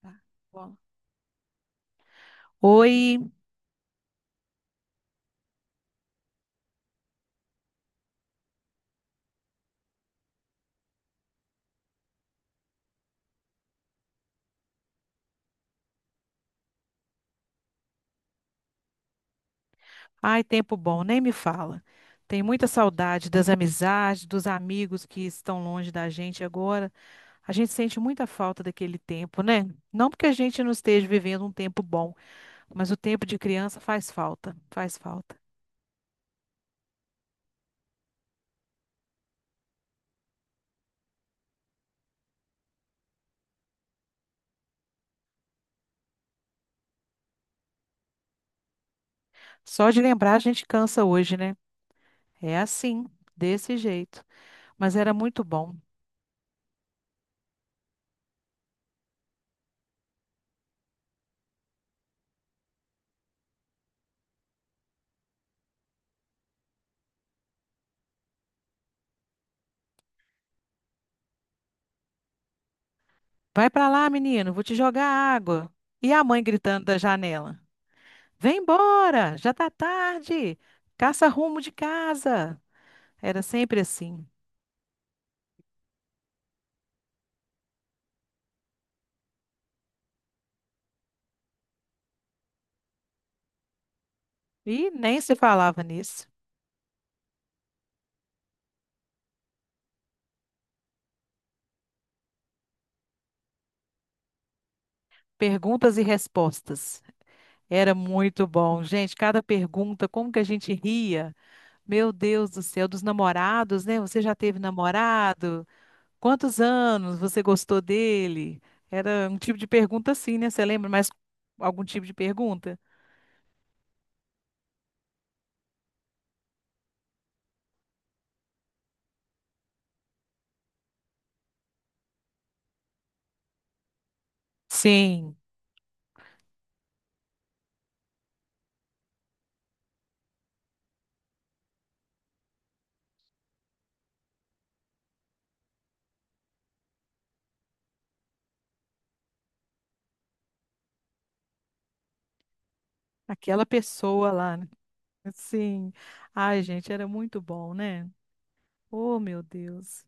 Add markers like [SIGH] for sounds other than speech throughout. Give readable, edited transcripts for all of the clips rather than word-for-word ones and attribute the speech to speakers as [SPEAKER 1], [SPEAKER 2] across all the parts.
[SPEAKER 1] Tá, bom. Oi, ai, tempo bom, nem me fala. Tem muita saudade das amizades, dos amigos que estão longe da gente agora. A gente sente muita falta daquele tempo, né? Não porque a gente não esteja vivendo um tempo bom, mas o tempo de criança faz falta, faz falta. Só de lembrar a gente cansa hoje, né? É assim, desse jeito. Mas era muito bom. Vai pra lá, menino, vou te jogar água. E a mãe gritando da janela. Vem embora, já tá tarde. Caça rumo de casa. Era sempre assim. E nem se falava nisso. Perguntas e respostas. Era muito bom, gente. Cada pergunta, como que a gente ria? Meu Deus do céu, dos namorados, né? Você já teve namorado? Quantos anos você gostou dele? Era um tipo de pergunta assim, né? Você lembra mais algum tipo de pergunta? Sim, aquela pessoa lá, né? Sim. Ai, gente, era muito bom, né? Oh, meu Deus.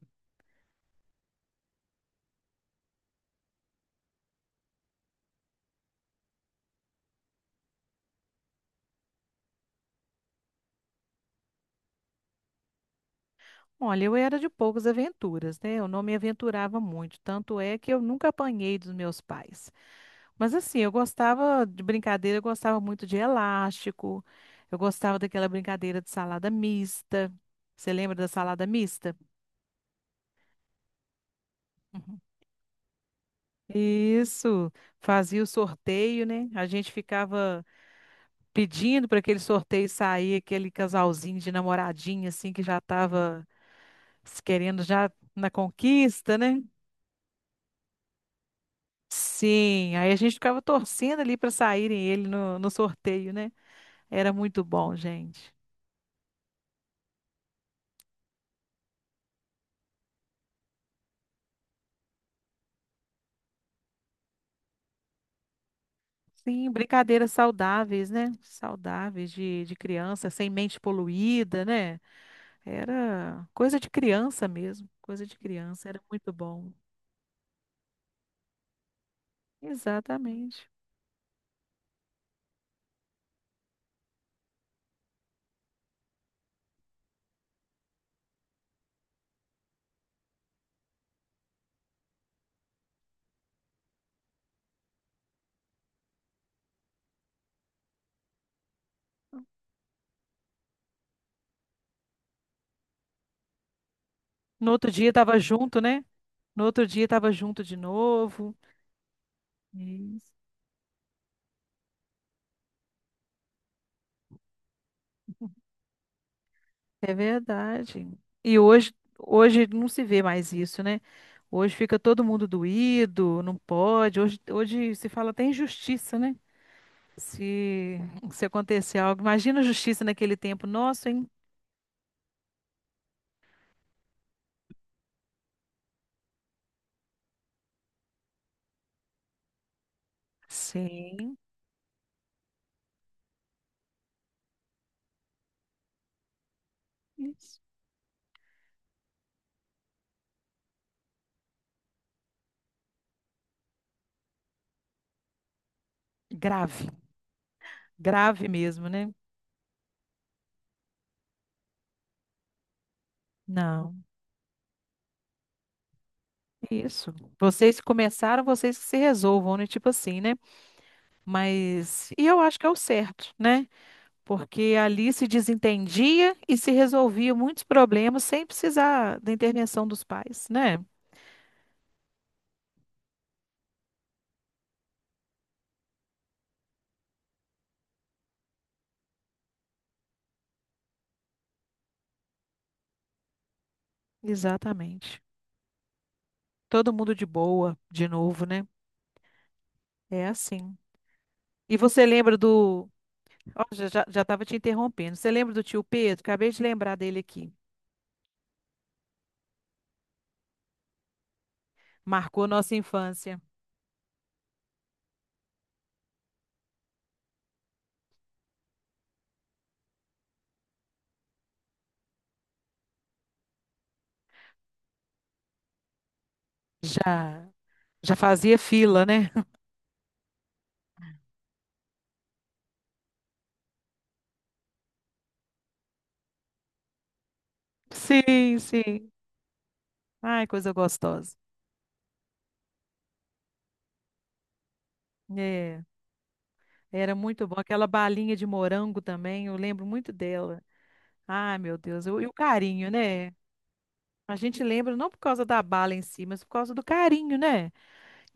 [SPEAKER 1] Olha, eu era de poucas aventuras, né? Eu não me aventurava muito, tanto é que eu nunca apanhei dos meus pais. Mas assim, eu gostava de brincadeira, eu gostava muito de elástico, eu gostava daquela brincadeira de salada mista. Você lembra da salada mista? Uhum. Isso, fazia o sorteio, né? A gente ficava pedindo para aquele sorteio sair, aquele casalzinho de namoradinha, assim, que já estava querendo já na conquista, né? Sim, aí a gente ficava torcendo ali para saírem ele no sorteio, né? Era muito bom, gente. Sim, brincadeiras saudáveis, né? Saudáveis de criança, sem mente poluída, né? Era coisa de criança mesmo, coisa de criança, era muito bom. Exatamente. No outro dia estava junto, né? No outro dia estava junto de novo. É verdade. E hoje, hoje não se vê mais isso, né? Hoje fica todo mundo doído, não pode. Hoje, hoje se fala até em justiça, né? Se, se acontecer algo, imagina a justiça naquele tempo. Nossa, hein? Sim. Isso. Grave, grave mesmo, né? Não, isso. Vocês que começaram, vocês que se resolvam, né? Tipo assim, né? Mas, e eu acho que é o certo, né? Porque ali se desentendia e se resolvia muitos problemas sem precisar da intervenção dos pais, né? Exatamente. Todo mundo de boa, de novo, né? É assim. E você lembra do. Ó, já, já, já estava te interrompendo. Você lembra do tio Pedro? Acabei de lembrar dele aqui. Marcou nossa infância. Já, já fazia fila, né? [LAUGHS] Sim, sim. Ai, coisa gostosa. É, era muito bom. Aquela balinha de morango também, eu lembro muito dela. Ai, meu Deus, eu- e o carinho, né? A gente lembra não por causa da bala em si, mas por causa do carinho, né?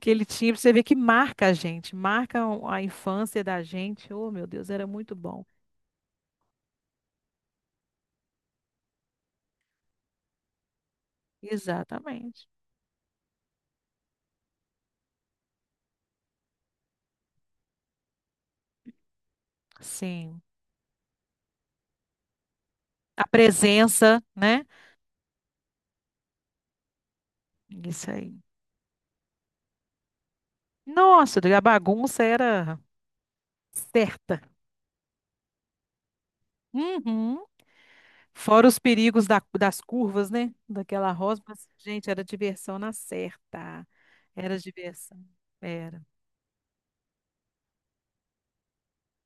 [SPEAKER 1] Que ele tinha, pra você ver que marca a gente, marca o- a infância da gente. Oh, meu Deus, era muito bom. Exatamente. Sim. A presença, né? Isso aí. Nossa, a bagunça era certa. Uhum. Fora os perigos da- das curvas, né? Daquela rosa, mas, gente, era diversão na certa. Era diversão. Era.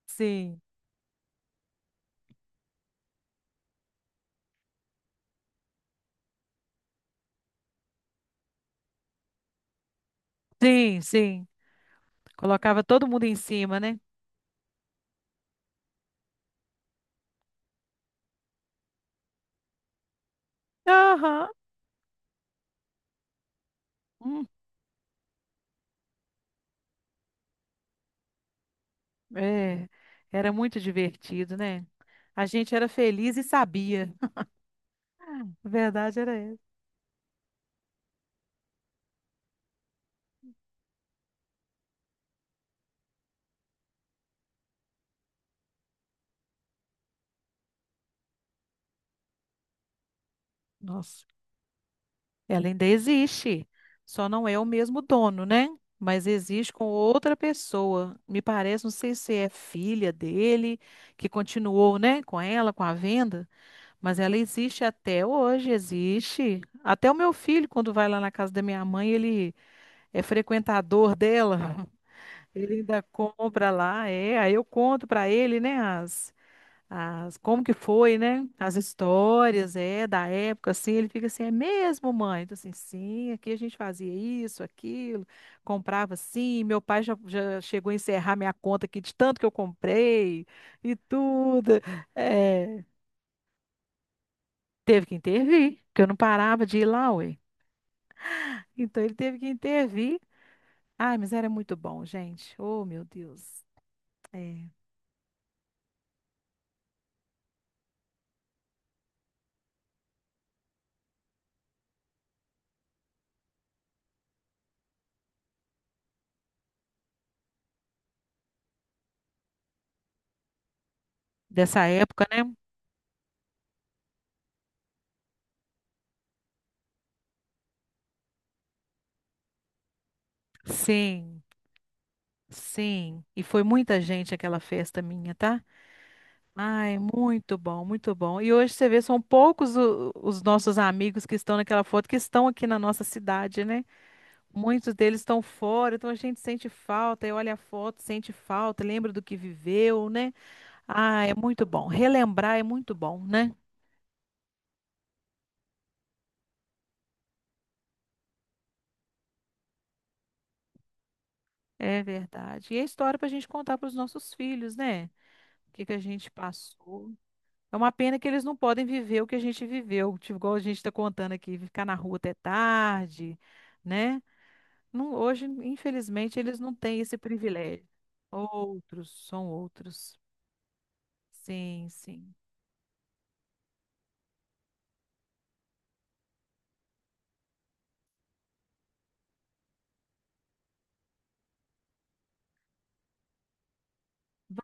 [SPEAKER 1] Sim. Sim, sim. Colocava todo mundo em cima, né? Aham. Hum, é. Era muito divertido, né? A gente era feliz e sabia. [LAUGHS] A verdade era essa. Nossa, ela ainda existe. Só não é o mesmo dono, né? Mas existe com outra pessoa. Me parece, não sei se é filha dele, que continuou, né, com ela, com a venda, mas ela existe até hoje, existe. Até o meu filho, quando vai lá na casa da minha mãe, ele é frequentador dela. Ele ainda compra lá, é. Aí eu conto para ele, né, as como que foi, né, as histórias, é, da época, assim. Ele fica assim, é mesmo, mãe? Então, assim, sim, aqui a gente fazia isso, aquilo, comprava assim. Meu pai já, já chegou a encerrar minha conta aqui de tanto que eu comprei e tudo. É, teve que intervir, porque eu não parava de ir lá, ué. Então ele teve que intervir. Ai, mas era muito bom, gente. Oh, meu Deus. É, dessa época, né? Sim, sim. E foi muita gente aquela festa minha, tá? Ai, muito bom, muito bom. E hoje você vê, são poucos o- os nossos amigos que estão naquela foto, que estão aqui na nossa cidade, né? Muitos deles estão fora, então a gente sente falta, e olha a foto, sente falta, lembra do que viveu, né? Ah, é muito bom. Relembrar é muito bom, né? É verdade. E é história para a gente contar para os nossos filhos, né? O que que a gente passou. É uma pena que eles não podem viver o que a gente viveu, tipo, igual a gente está contando aqui, ficar na rua até tarde, né? Não- hoje, infelizmente, eles não têm esse privilégio. Outros, são outros. Sim, sim.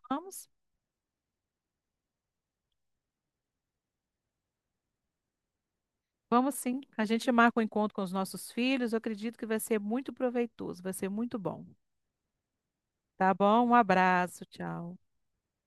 [SPEAKER 1] Vamos, vamos sim. A gente marca um encontro com os nossos filhos. Eu acredito que vai ser muito proveitoso, vai ser muito bom. Tá bom? Um abraço, tchau.